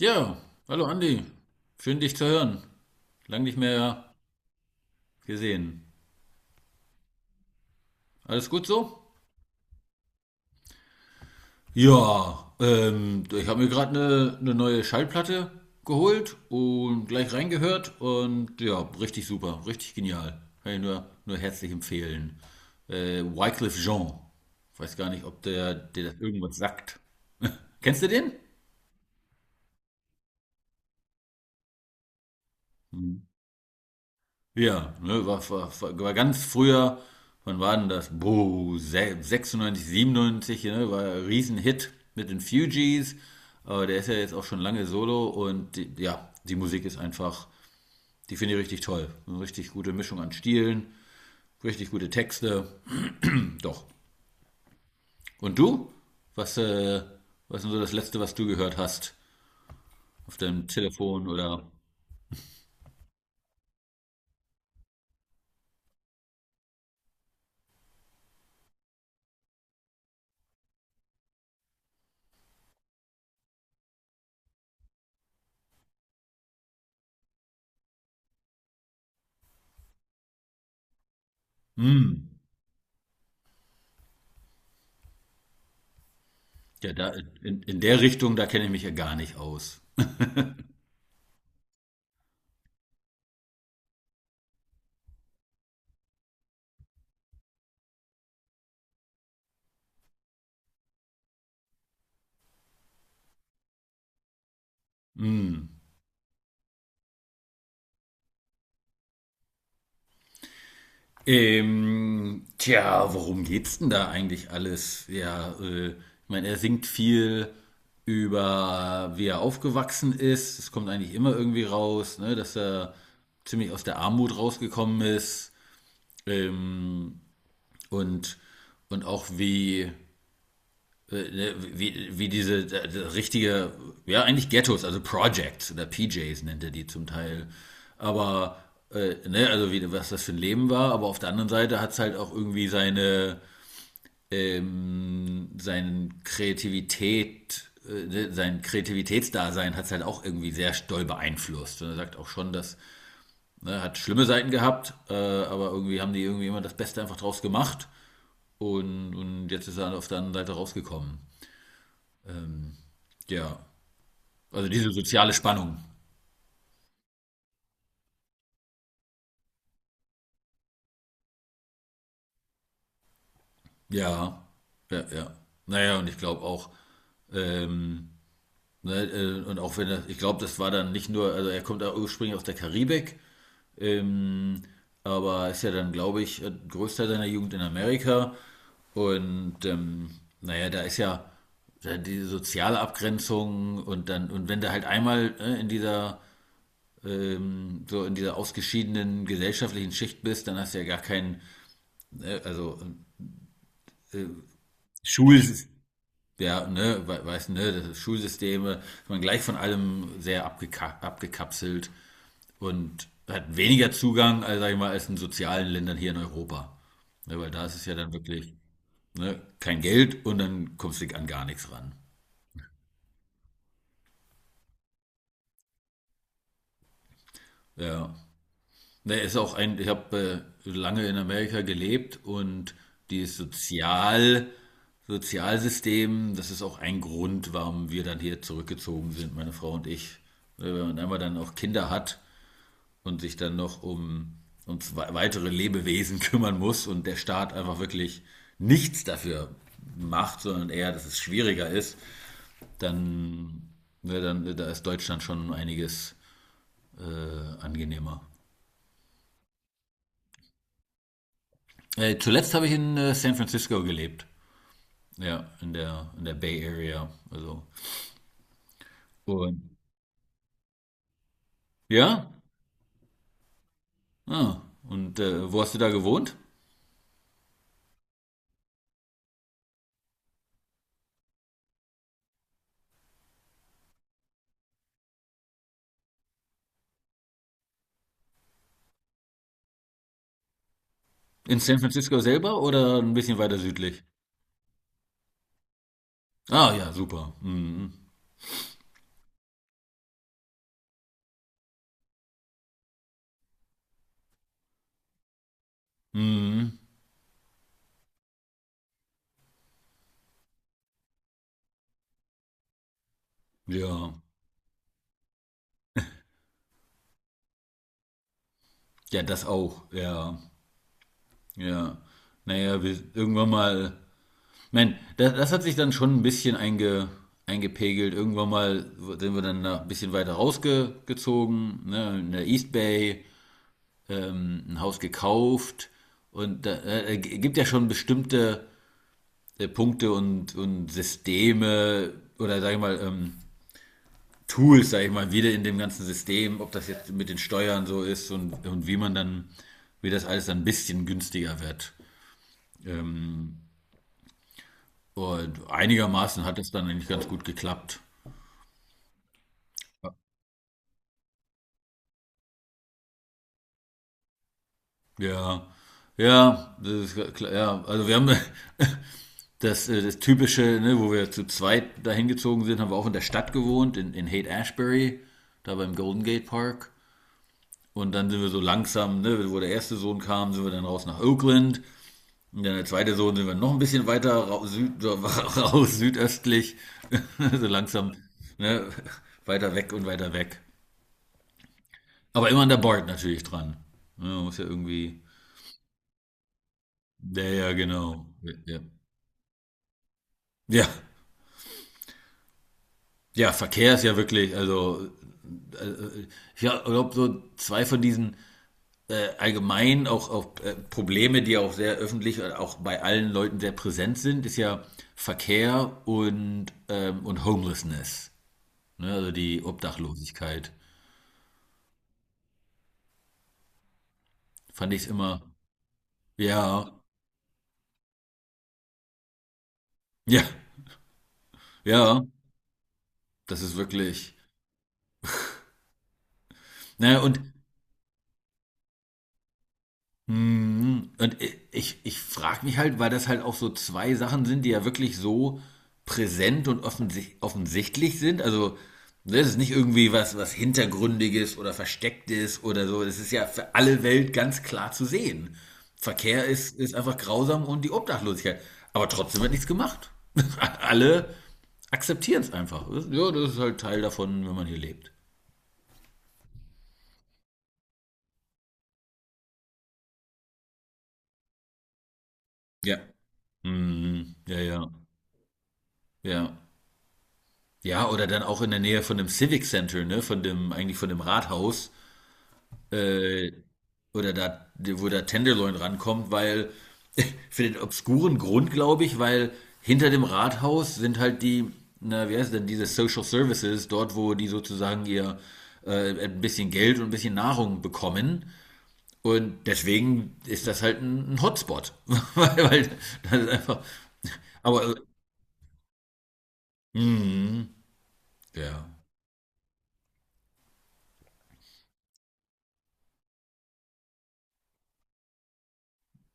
Ja, hallo Andi. Schön dich zu hören. Lang nicht mehr gesehen. Alles gut so? Ja, ich habe mir gerade eine neue Schallplatte geholt und gleich reingehört und ja, richtig super, richtig genial. Kann ich nur herzlich empfehlen. Wycliffe Jean. Weiß gar nicht, ob der dir das irgendwas sagt. Kennst du den? Ja, ne, war ganz früher, wann war denn das? Boah, 96, 97, ne, war ein Riesenhit mit den Fugees, aber der ist ja jetzt auch schon lange solo und die, ja, die Musik ist einfach, die finde ich richtig toll. Eine richtig gute Mischung an Stilen, richtig gute Texte, doch. Und du? Was, was ist denn so das Letzte, was du gehört hast auf deinem Telefon oder? Hm, ja, da, in der Richtung, da kenne ich mich ja gar nicht aus. Hm. Tja, worum geht's denn da eigentlich alles? Ja, ich meine, er singt viel über, wie er aufgewachsen ist. Es kommt eigentlich immer irgendwie raus, ne, dass er ziemlich aus der Armut rausgekommen ist. Ähm, und, und auch wie, ne, wie diese richtige, ja, eigentlich Ghettos, also Projects oder PJs nennt er die zum Teil. Aber, ne, also wie, was das für ein Leben war, aber auf der anderen Seite hat es halt auch irgendwie seine, seine Kreativität, ne, sein Kreativitätsdasein hat es halt auch irgendwie sehr doll beeinflusst. Und er sagt auch schon, dass, ne, hat schlimme Seiten gehabt, aber irgendwie haben die irgendwie immer das Beste einfach draus gemacht. Und jetzt ist er halt auf der anderen Seite rausgekommen. Ähm, ja, also diese soziale Spannung. Ja, ja, ja. Naja, und ich glaube auch, ähm, ne, und auch wenn er, ich glaube, das war dann nicht nur, also er kommt auch ursprünglich aus der Karibik, ähm, aber ist ja dann, glaube ich, größter seiner Jugend in Amerika. Und naja, da ist ja da diese soziale Abgrenzung und dann, und wenn du halt einmal in dieser so in dieser ausgeschiedenen gesellschaftlichen Schicht bist, dann hast du ja gar keinen ne, also Schul, ja, ne, weißt du, ne, das ist Schulsysteme, ist man gleich von allem sehr abgekapselt und hat weniger Zugang, als, sag ich mal, als in sozialen Ländern hier in Europa. Ne, weil da ist es ja dann wirklich, ne, kein Geld und dann kommst du an gar nichts ran. Ja. Ne, ist auch ein, ich habe lange in Amerika gelebt und dieses Sozial, Sozialsystem, das ist auch ein Grund, warum wir dann hier zurückgezogen sind, meine Frau und ich. Wenn man einmal dann auch Kinder hat und sich dann noch um, um weitere Lebewesen kümmern muss und der Staat einfach wirklich nichts dafür macht, sondern eher, dass es schwieriger ist, dann, ne, dann da ist Deutschland schon einiges angenehmer. Zuletzt habe ich in San Francisco gelebt. Ja, in der Bay Area. Also. Und, ja? Ah, und wo hast du da gewohnt? In San Francisco selber oder ein bisschen weiter südlich? Ah, ja, super. Mhm. Mhm. Ja. Ja, das auch. Ja. Ja. Naja, wir, irgendwann mal. Man, das hat sich dann schon ein bisschen eingepegelt. Irgendwann mal sind wir dann nach, ein bisschen weiter rausgezogen, ne, in der East Bay. Ein Haus gekauft und gibt ja schon bestimmte Punkte und Systeme oder sag ich mal, Tools, sag ich mal, wieder in dem ganzen System, ob das jetzt mit den Steuern so ist und wie man dann, wie das alles dann ein bisschen günstiger wird. Ähm, und einigermaßen hat es dann eigentlich ganz gut geklappt. Ja. Ja, das ist klar, ja, also wir haben Das, das typische, ne, wo wir zu zweit dahin gezogen sind, haben wir auch in der Stadt gewohnt, in Haight Ashbury, da beim Golden Gate Park. Und dann sind wir so langsam, ne, wo der erste Sohn kam, sind wir dann raus nach Oakland. Und dann der zweite Sohn sind wir noch ein bisschen weiter raus, süd, so, raus südöstlich, so langsam ne, weiter weg und weiter weg. Aber immer an der Board natürlich dran. Ja, man muss ja irgendwie. Ja, ja, genau. Ja. ja, ja, Verkehr ist ja wirklich, also Ja, ich glaube, so zwei von diesen allgemein auch, auch Probleme, die auch sehr öffentlich und auch bei allen Leuten sehr präsent sind, ist ja Verkehr und Homelessness. Ne? Also die Obdachlosigkeit. Fand ich es immer, ja, ja, ja, das ist wirklich. Ne? Und Mhm. Und ich, ich frage mich halt, weil das halt auch so zwei Sachen sind, die ja wirklich so präsent und offensichtlich sind. Also, das ist nicht irgendwie was, was Hintergründiges oder Verstecktes oder so. Das ist ja für alle Welt ganz klar zu sehen. Verkehr ist, ist einfach grausam und die Obdachlosigkeit. Aber trotzdem wird nichts gemacht. Alle akzeptieren es einfach. Das- Ja, das ist halt Teil davon, wenn man hier lebt. Ja. Mhm. Ja, ja. Ja. Ja, oder dann auch in der Nähe von dem Civic Center, ne, von dem, eigentlich von dem Rathaus, äh, oder da, wo der Tenderloin rankommt, weil, für den obskuren Grund, glaube ich, weil hinter dem Rathaus sind halt die, na, wie heißt denn, diese Social Services, dort, wo die sozusagen ihr ein bisschen Geld und ein bisschen Nahrung bekommen. Und deswegen ist das halt ein Hotspot. weil, weil das ist einfach. Aber, mm, ja.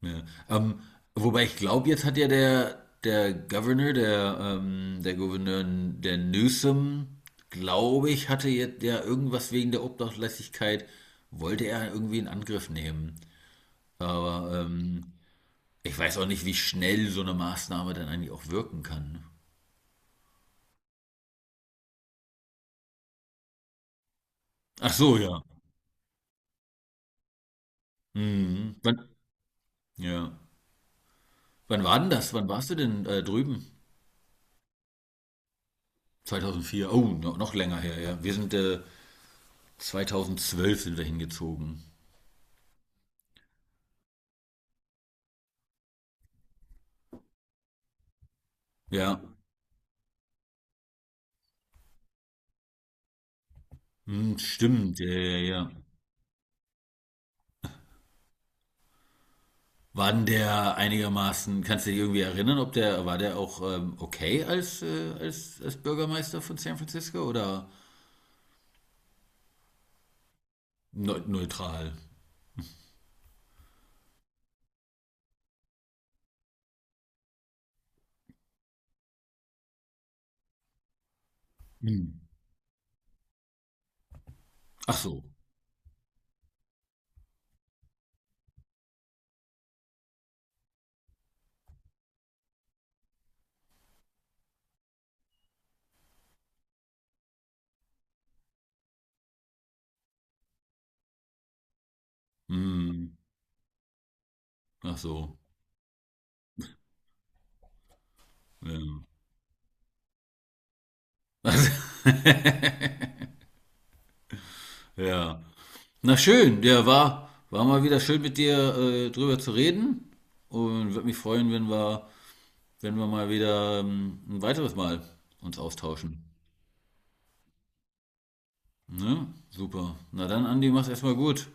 Ja. Ähm, wobei ich glaube, jetzt hat ja der Governor, der, der Gouverneur, der Newsom, glaube ich, hatte jetzt ja irgendwas wegen der Obdachlosigkeit, wollte er irgendwie in Angriff nehmen. Aber ich weiß auch nicht, wie schnell so eine Maßnahme dann eigentlich auch wirken kann. Ach so, ja. Mhm. Wann, ja. Wann war denn das? Wann warst du denn drüben? 2004 Oh, no, noch länger her, ja. Wir sind 2012 sind wir hingezogen. Ja. Hm, stimmt, ja, ja, ja. War denn der einigermaßen, kannst du dich irgendwie erinnern, ob der, war der auch okay als, als, als Bürgermeister von San Francisco oder neutral? Hm. Ach so. Hm. Ach so. Ja. Also, ja. Na schön, der war, war mal wieder schön mit dir drüber zu reden und würde mich freuen, wenn wir, wenn wir mal wieder ein weiteres Mal uns austauschen. Ne? Super. Na dann, Andi, mach's erstmal gut.